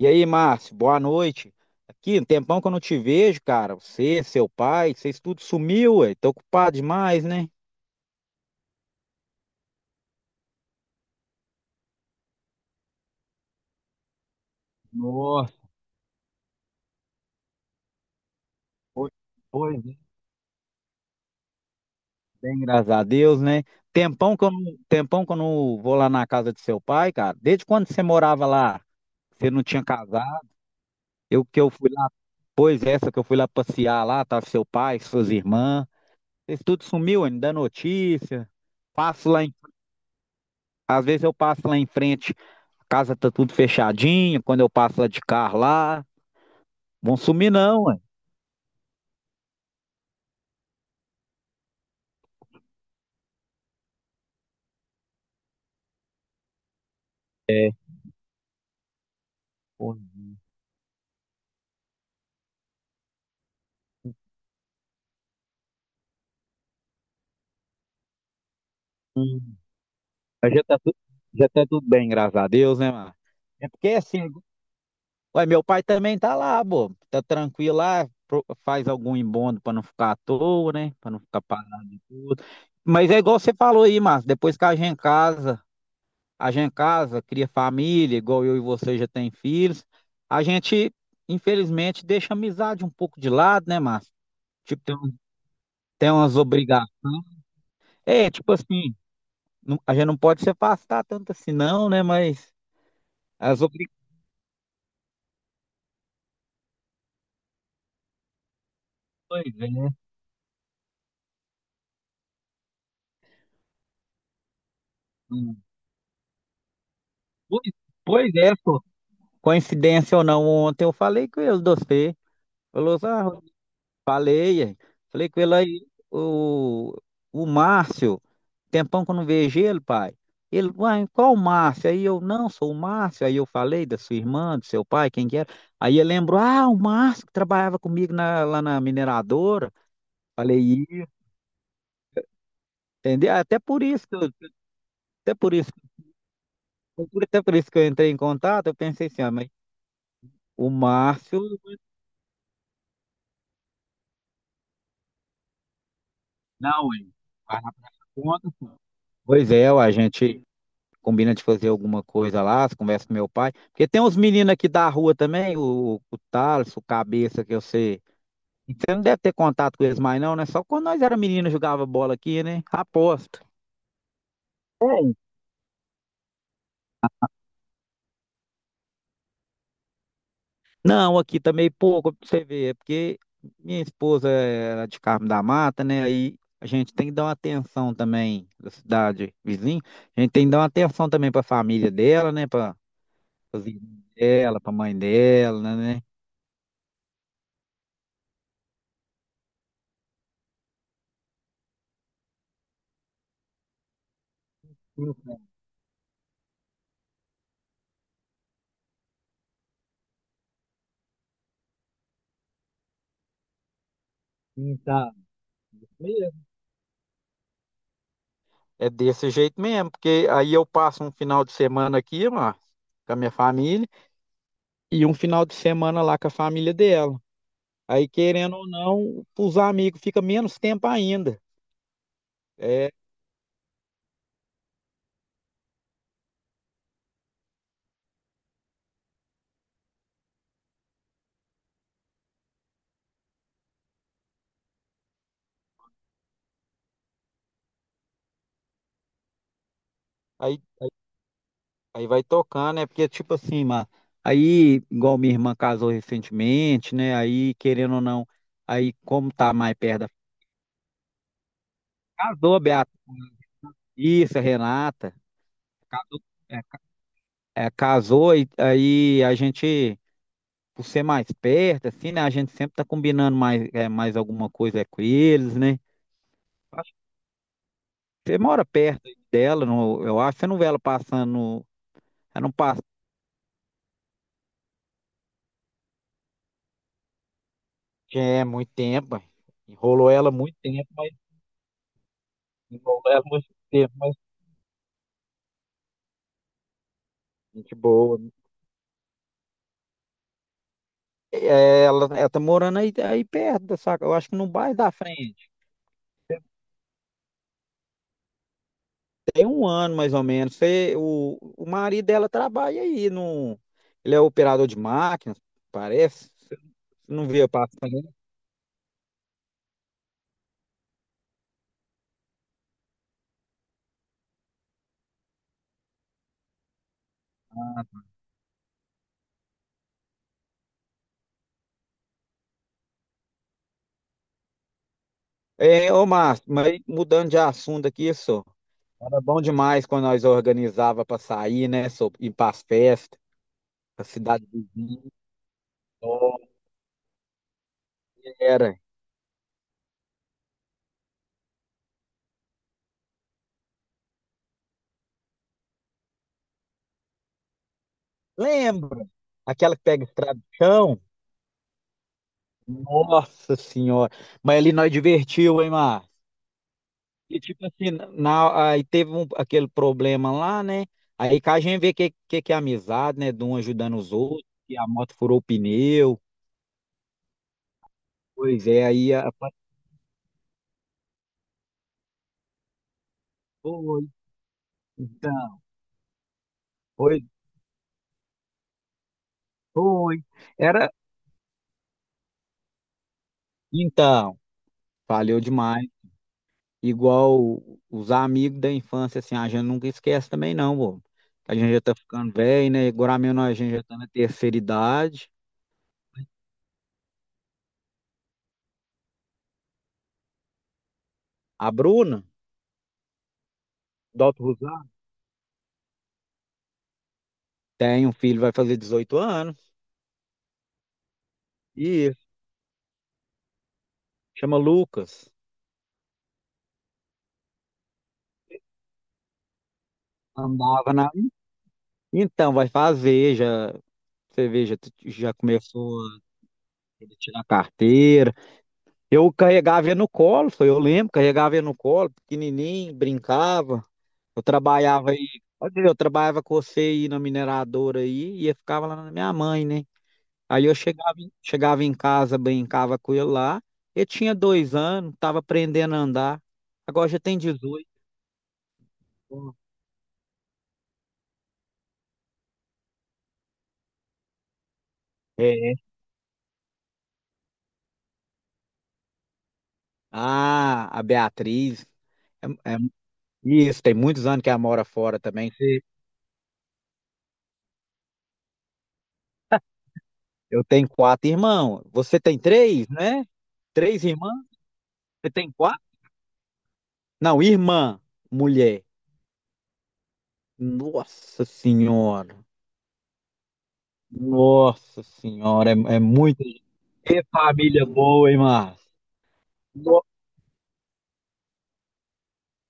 E aí, Márcio, boa noite. Aqui, um tempão que eu não te vejo, cara. Você, seu pai, vocês tudo sumiu, ué. Tô ocupado demais, né? Nossa, pois pois é. Bem, graças a Deus, né? Tempão que eu não vou lá na casa de seu pai, cara. Desde quando você morava lá? Você não tinha casado? Eu que eu fui lá, pois essa que eu fui lá passear lá, tava seu pai, suas irmãs. Vocês tudo sumiu, ué, não dá notícia. Passo lá em, às vezes eu passo lá em frente. Casa tá tudo fechadinho, quando eu passo lá de carro lá, vão sumir não, ué. É. Pois é. Hum. Mas já tá tudo bem, graças a Deus, né, mano? É porque assim, ué, meu pai também tá lá, pô, tá tranquilo lá, faz algum embondo pra não ficar à toa, né, pra não ficar parado de tudo. Mas é igual você falou aí, Márcio, depois que a gente casa, cria família, igual eu e você já tem filhos, a gente, infelizmente, deixa a amizade um pouco de lado, né, Márcio? Tipo, tem umas obrigações. É, tipo assim, a gente não pode se afastar tanto assim, não, né? Mas as obrigações, né? Hum. Pois, pois é, pô. Coincidência ou não, ontem eu falei com ele, você. Falou, assim, ah, Rodrigo, falei, aí. Falei com ele aí, o Márcio, tempão que eu não vejo ele, pai. Ele, uai, qual o Márcio? Aí eu, não, sou o Márcio. Aí eu falei da sua irmã, do seu pai, quem que era. Aí ele lembrou, ah, o Márcio que trabalhava comigo lá na mineradora. Falei Entendeu? Até por isso, que eu- até por isso, até por isso que eu entrei em contato, eu pensei assim, ó, mas o Márcio, não, hein? Vai lá pra essa conta. Pois é, ó, a gente combina de fazer alguma coisa lá, conversa com meu pai, porque tem uns meninos aqui da rua também, o Thales, o Cabeça, que eu sei. Você não deve ter contato com eles mais não, né? Só quando nós era menino jogava bola aqui, né? Aposto. Não, aqui também pouco, pra você ver, é porque minha esposa era de Carmo da Mata, né? Aí a gente tem que dar uma atenção também da cidade vizinha. A gente tem que dar uma atenção também para a família dela, né? Para pras irmãs dela, para a mãe dela, né? Sim, sim, tá. Mesmo. É desse jeito mesmo, porque aí eu passo um final de semana aqui, ó, com a minha família, e um final de semana lá com a família dela. Aí, querendo ou não, os amigos fica menos tempo ainda. É. aí Aí vai tocando, né? Porque, tipo assim, mano, aí, igual minha irmã casou recentemente, né? Aí, querendo ou não, aí, como tá mais perto da. Casou, Beata. Isso, a Renata. Casou. É, é, casou, e aí a gente, por ser mais perto, assim, né? A gente sempre tá combinando mais alguma coisa com eles, né? Acho que você mora perto aí dela, eu acho que você não vê ela passando. Ela não passa. Já. É, muito tempo, ué. enrolou ela muito tempo, mas enrolou ela muito tempo. Gente boa. É, ela tá morando aí, perto, saca? Eu acho que no bairro da frente. Tem um ano, mais ou menos. O marido dela trabalha aí. No, ele é operador de máquinas, parece. Você não vê passando. É, ô Márcio, mas mudando de assunto aqui, só. Era bom demais quando nós organizava para sair, né? Só, ir para as festas, a cidade vizinha. Ó, era. Lembra? Aquela que pega estrada de chão? Nossa senhora. Mas ali nós divertiu, hein, Márcio? E tipo assim, aí teve aquele problema lá, né? Aí que a gente vê que, que é amizade, né? De um ajudando os outros, que a moto furou o pneu. Pois é, aí a... Foi, então, foi, foi. Era, então, valeu demais. Igual os amigos da infância, assim, a gente nunca esquece também, não, pô. A gente já tá ficando velho, né? Agora mesmo a gente já tá na terceira idade. A Bruna, do Alto Rosário. Tem um filho, vai fazer 18 anos. E chama Lucas. Andava na. Então, vai fazer, já. Você vê, já, já começou a ele tirar a carteira. Eu carregava ele no colo, foi, eu lembro, carregava ele no colo, pequenininho, brincava. Eu trabalhava aí, olha, eu trabalhava com você aí na mineradora aí, e eu ficava lá na minha mãe, né? Aí eu chegava em casa, brincava com ele lá. Ele tinha 2 anos, tava aprendendo a andar. Agora já tem 18. Ó. É, ah, a Beatriz. É- é- isso, tem muitos anos que ela mora fora também. Você-. Eu tenho quatro irmãos. Você tem três, né? Três irmãs? Você tem quatro? Não, irmã, mulher. Nossa Senhora. Nossa Senhora. É muita família boa, hein, Márcio? No-.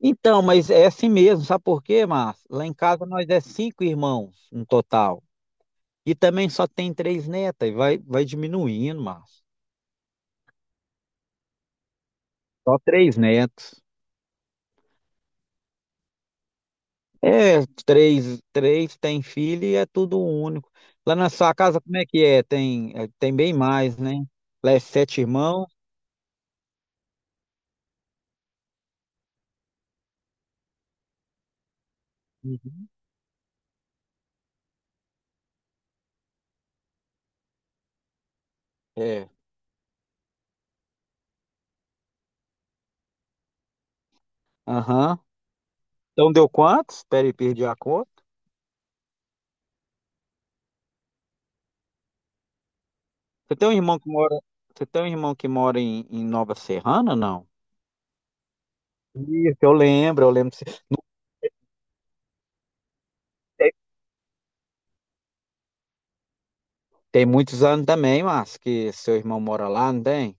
Então, mas é assim mesmo. Sabe por quê, Márcio? Lá em casa nós é cinco irmãos no total. E também só tem três netas. E vai diminuindo, Márcio. Só três netos. É, três, três tem filho e é tudo único. Lá na sua casa, como é que é? Tem bem mais, né? Lá é sete irmãos. Uhum. É. Aham. Então deu quantos? Espera aí, perdi a conta. Você tem um irmão que mora, Você tem um irmão que mora em Nova Serrana, não? Isso, eu lembro, eu lembro. Tem, tem muitos anos também, mas que seu irmão mora lá, não tem?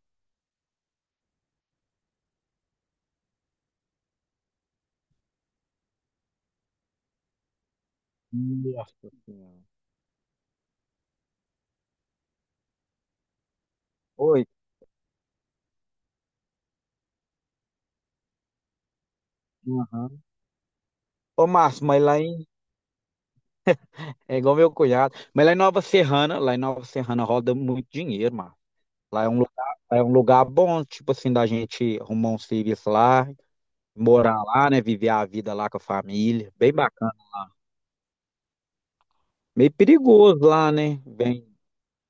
Nossa Senhora. Oi. Aham. Ô, Márcio, mas lá em. É igual meu cunhado. Mas lá em Nova Serrana roda muito dinheiro, mano. Lá é um lugar bom, tipo assim, da gente arrumar um serviço lá, morar lá, né? Viver a vida lá com a família. Bem bacana. Meio perigoso lá, né? Vem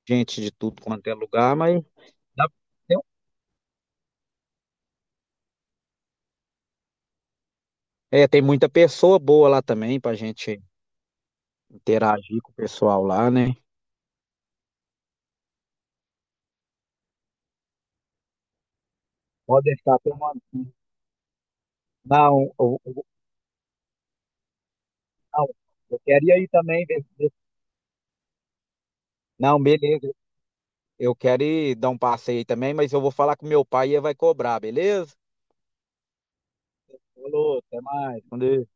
gente de tudo quanto é lugar, mas dá pra ter tem muita pessoa boa lá também pra gente interagir com o pessoal lá, né? Pode deixar, tô mandando. Não, eu, eu- não, eu queria ir também. Ver- ver-. Não, beleza. Eu quero ir dar um passeio também, mas eu vou falar com meu pai e ele vai cobrar, beleza? Falou, até mais. Com Deus.